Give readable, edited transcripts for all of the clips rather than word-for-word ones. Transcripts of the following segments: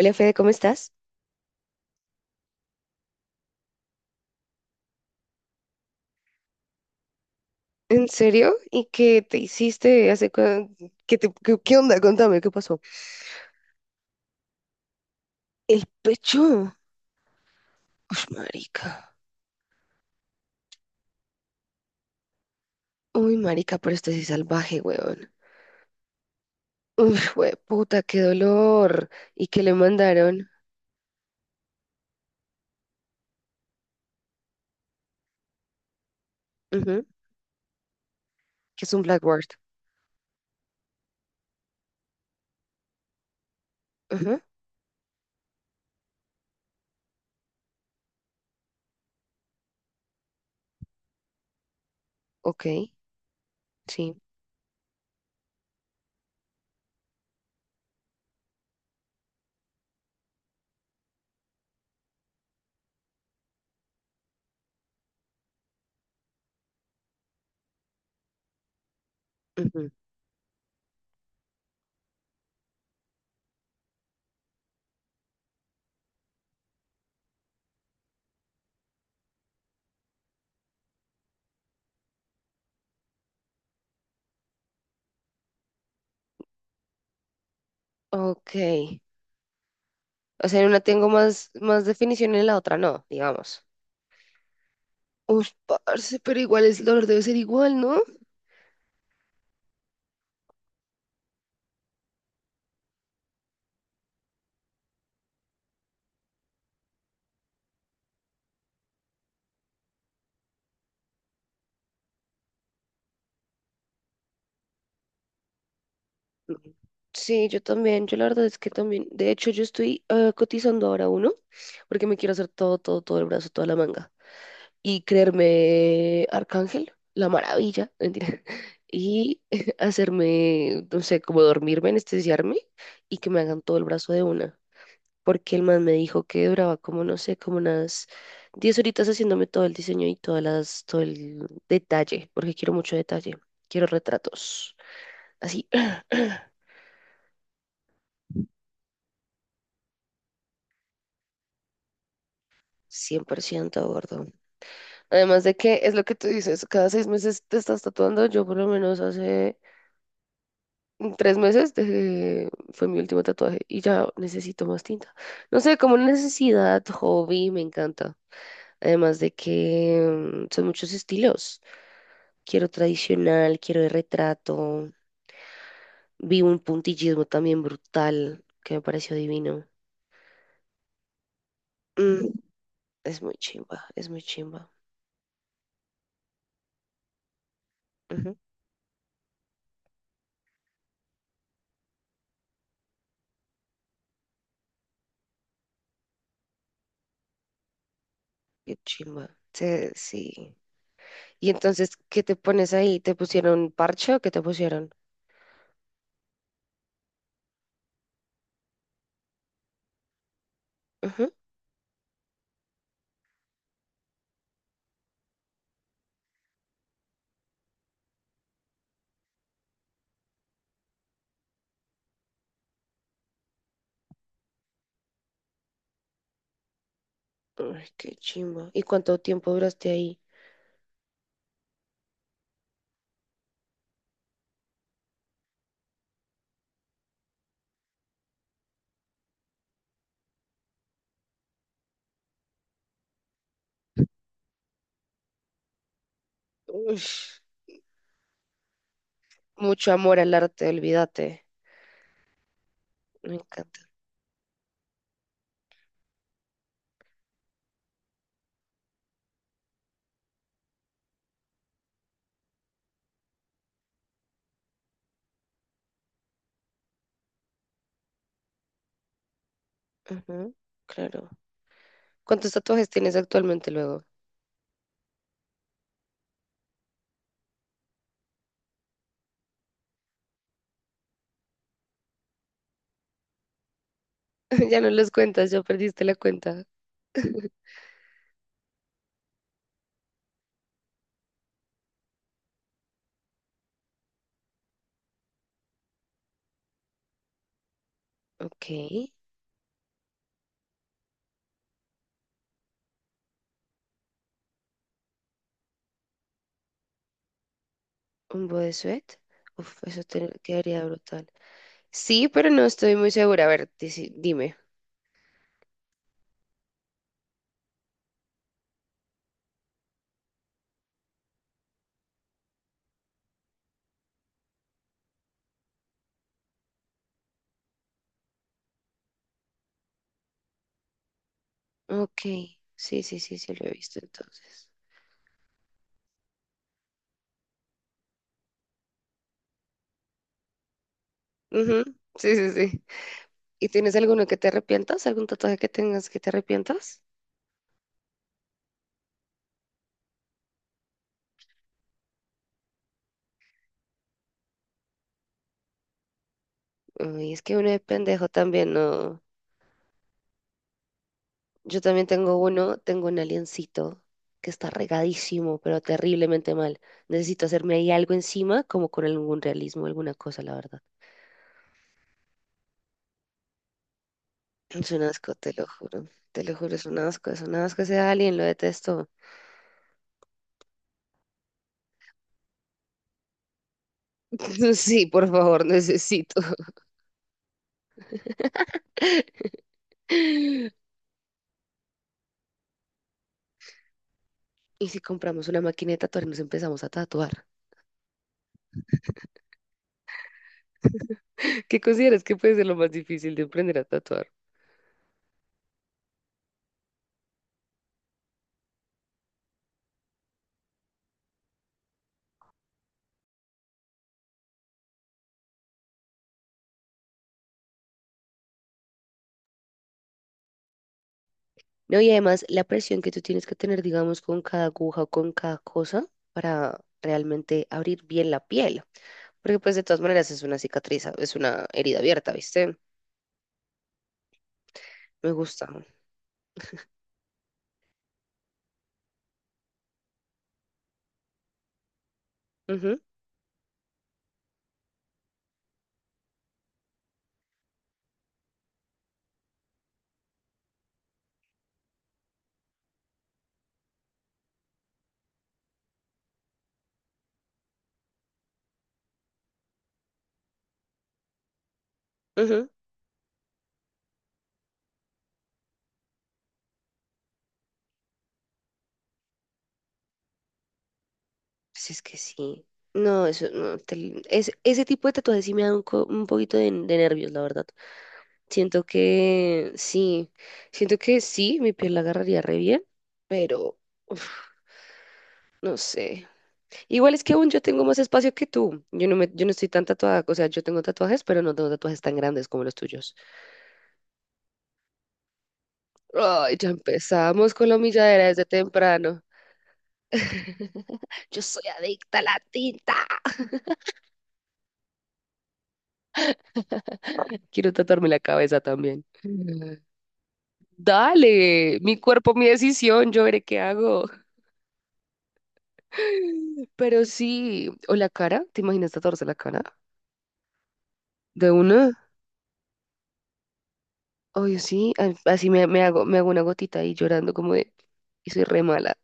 Hola Fede, ¿cómo estás? ¿En serio? ¿Y qué te hiciste hace cuan- ¿Qué onda? Contame, ¿qué pasó? El pecho. Uy, marica. Uy, marica, pero esto sí es salvaje, weón. Uy, puta, qué dolor. ¿Y qué le mandaron? Ujú. Que es un blackboard. Ujú. Ok, sí. Ujú. Ok. O sea, en una tengo más, más definición y en la otra no, digamos. Uy, parce, pero igual el dolor debe ser igual, ¿no? Sí, yo también, yo la verdad es que también, de hecho yo estoy cotizando ahora uno, porque me quiero hacer todo, todo, todo el brazo, toda la manga, y creerme Arcángel, la maravilla, mentira, y hacerme, no sé, como dormirme, anestesiarme, y que me hagan todo el brazo de una, porque el man me dijo que duraba como, no sé, como unas 10 horitas haciéndome todo el diseño y todo el detalle, porque quiero mucho detalle, quiero retratos, así. 100% gordo. Además de que es lo que tú dices, cada 6 meses te estás tatuando. Yo por lo menos hace 3 meses fue mi último tatuaje y ya necesito más tinta. No sé, como una necesidad, hobby, me encanta. Además de que son muchos estilos. Quiero tradicional, quiero de retrato. Vi un puntillismo también brutal que me pareció divino. Mm, es muy chimba, es muy chimba. Ujú. Qué chimba. Sí, sí. Y entonces, ¿qué te pones ahí? ¿Te pusieron parche o qué te pusieron? Ujú. Ay, qué chimba. ¿Y cuánto tiempo duraste ahí? Ush. Mucho amor al arte, olvídate. Me encanta. Ujú, claro. ¿Cuántos tatuajes tienes actualmente luego? Ya no los cuentas, ya perdiste la cuenta. Ok, un bodysuit. Uf, eso quedaría brutal. Sí, pero no estoy muy segura. A ver, dime. Ok, sí, sí, sí, sí, lo he visto entonces. Ujú. Sí, sí, sí. ¿Y tienes alguno que te arrepientas? ¿Algún tatuaje que tengas que te arrepientas? Uy, es que uno de pendejo también, no. Yo también tengo uno, tengo un aliencito que está regadísimo, pero terriblemente mal. Necesito hacerme ahí algo encima, como con algún realismo, alguna cosa, la verdad. Es un asco, te lo juro. Te lo juro, es un asco ese alien, lo detesto. Sí, por favor, necesito. ¿Y si compramos una máquina de tatuar y nos empezamos a tatuar? ¿Qué consideras que puede ser lo más difícil de aprender a tatuar? No, y además la presión que tú tienes que tener, digamos, con cada aguja o con cada cosa para realmente abrir bien la piel. Porque pues de todas maneras es una cicatriz, es una herida abierta, ¿viste? Me gusta. Ujú, ujú. Pues es que sí. No, eso no. Ese tipo de tatuajes sí me da un poquito de nervios, la verdad. Siento que sí. Siento que sí, mi piel la agarraría re bien, pero uf, no sé. Igual es que aún yo tengo más espacio que tú. Yo no estoy tan tatuada. O sea, yo tengo tatuajes, pero no tengo tatuajes tan grandes como los tuyos. Ay, ya empezamos con la humilladera desde temprano. Yo soy adicta a la tinta. Quiero tatuarme la cabeza también. Dale, mi cuerpo, mi decisión, yo veré qué hago. Pero sí, o la cara, ¿te imaginas tatuarse la cara? ¿De una? Oye, sí, así me hago una gotita ahí llorando como de, y soy re mala.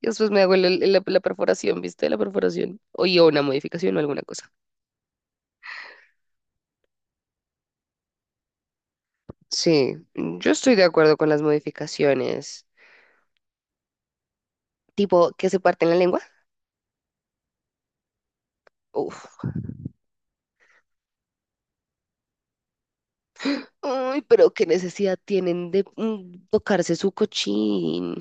Y después me hago la perforación, ¿viste? La perforación. Oye, o una modificación o alguna cosa. Sí, yo estoy de acuerdo con las modificaciones. Tipo, que se parten la lengua. Uf. Ay, pero qué necesidad tienen de tocarse su cochín.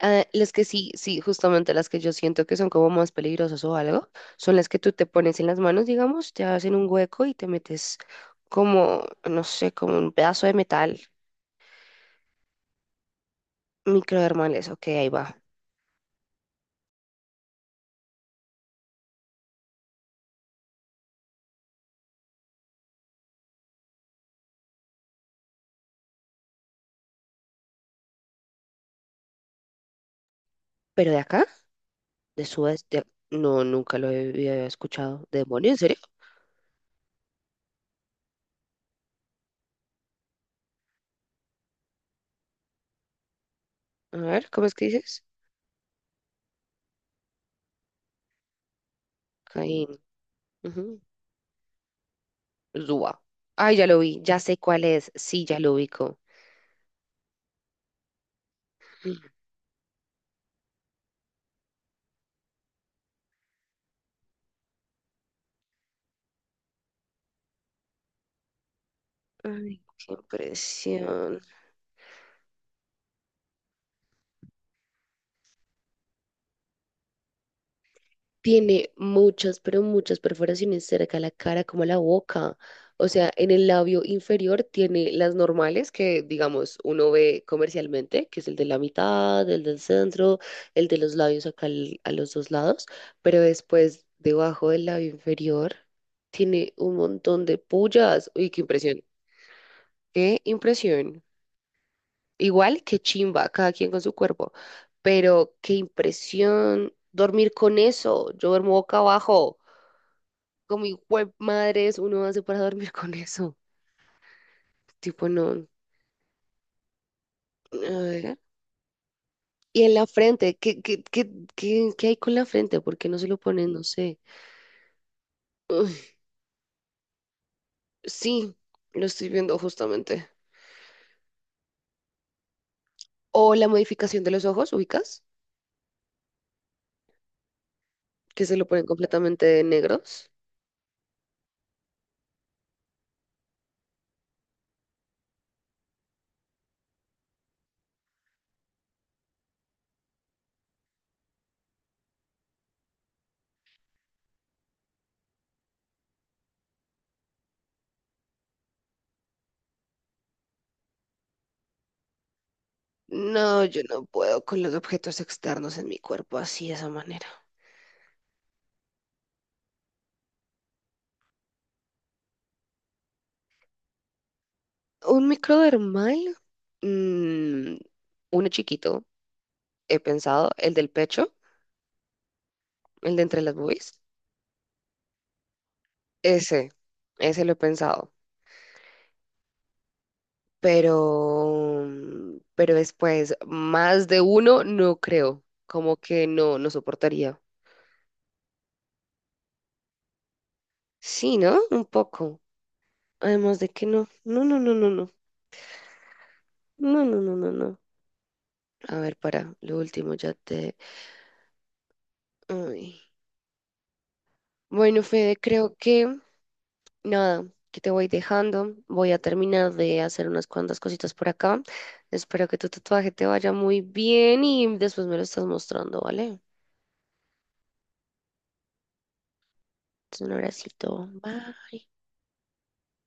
Ah, las que sí, sí, justamente las que yo siento que son como más peligrosas o algo, son las que tú te pones en las manos, digamos, te hacen un hueco y te metes como, no sé, como un pedazo de metal, microdermales, ok, ahí va. Pero de acá, de sudeste, no, nunca lo había escuchado. ¿Demonio, en serio? A ver, ¿cómo es que dices? Caín. Ujú. Zua. Ay, ya lo vi, ya sé cuál es, sí, ya lo ubico. Ay, qué impresión. Tiene muchas, pero muchas perforaciones cerca a la cara, como a la boca. O sea, en el labio inferior tiene las normales que, digamos, uno ve comercialmente, que es el de la mitad, el del centro, el de los labios acá a los dos lados, pero después, debajo del labio inferior, tiene un montón de pullas. Uy, qué impresión. Qué impresión. Igual que chimba, cada quien con su cuerpo, pero qué impresión dormir con eso. Yo duermo boca abajo. Como hijo madres uno hace para dormir con eso. Tipo, no. A ver. Y en la frente, ¿qué hay con la frente? ¿Por qué no se lo ponen? No sé. Uy, sí, lo estoy viendo justamente. O la modificación de los ojos, ¿ubicas? Que se lo ponen completamente negros. No, yo no puedo con los objetos externos en mi cuerpo así de esa manera. ¿Un microdermal? Mm, uno chiquito, he pensado, el del pecho, el de entre las boobies. Ese, ese lo he pensado, pero después, más de uno, no creo, como que no, no soportaría. Sí, ¿no? Un poco. Además de que no, no, no, no, no, no, no, no, no, no, no. A ver, para, lo último ya te... Ay. Bueno, Fede, creo que nada, que te voy dejando, voy a terminar de hacer unas cuantas cositas por acá. Espero que tu tatuaje te vaya muy bien y después me lo estás mostrando, ¿vale? Un abracito. Bye.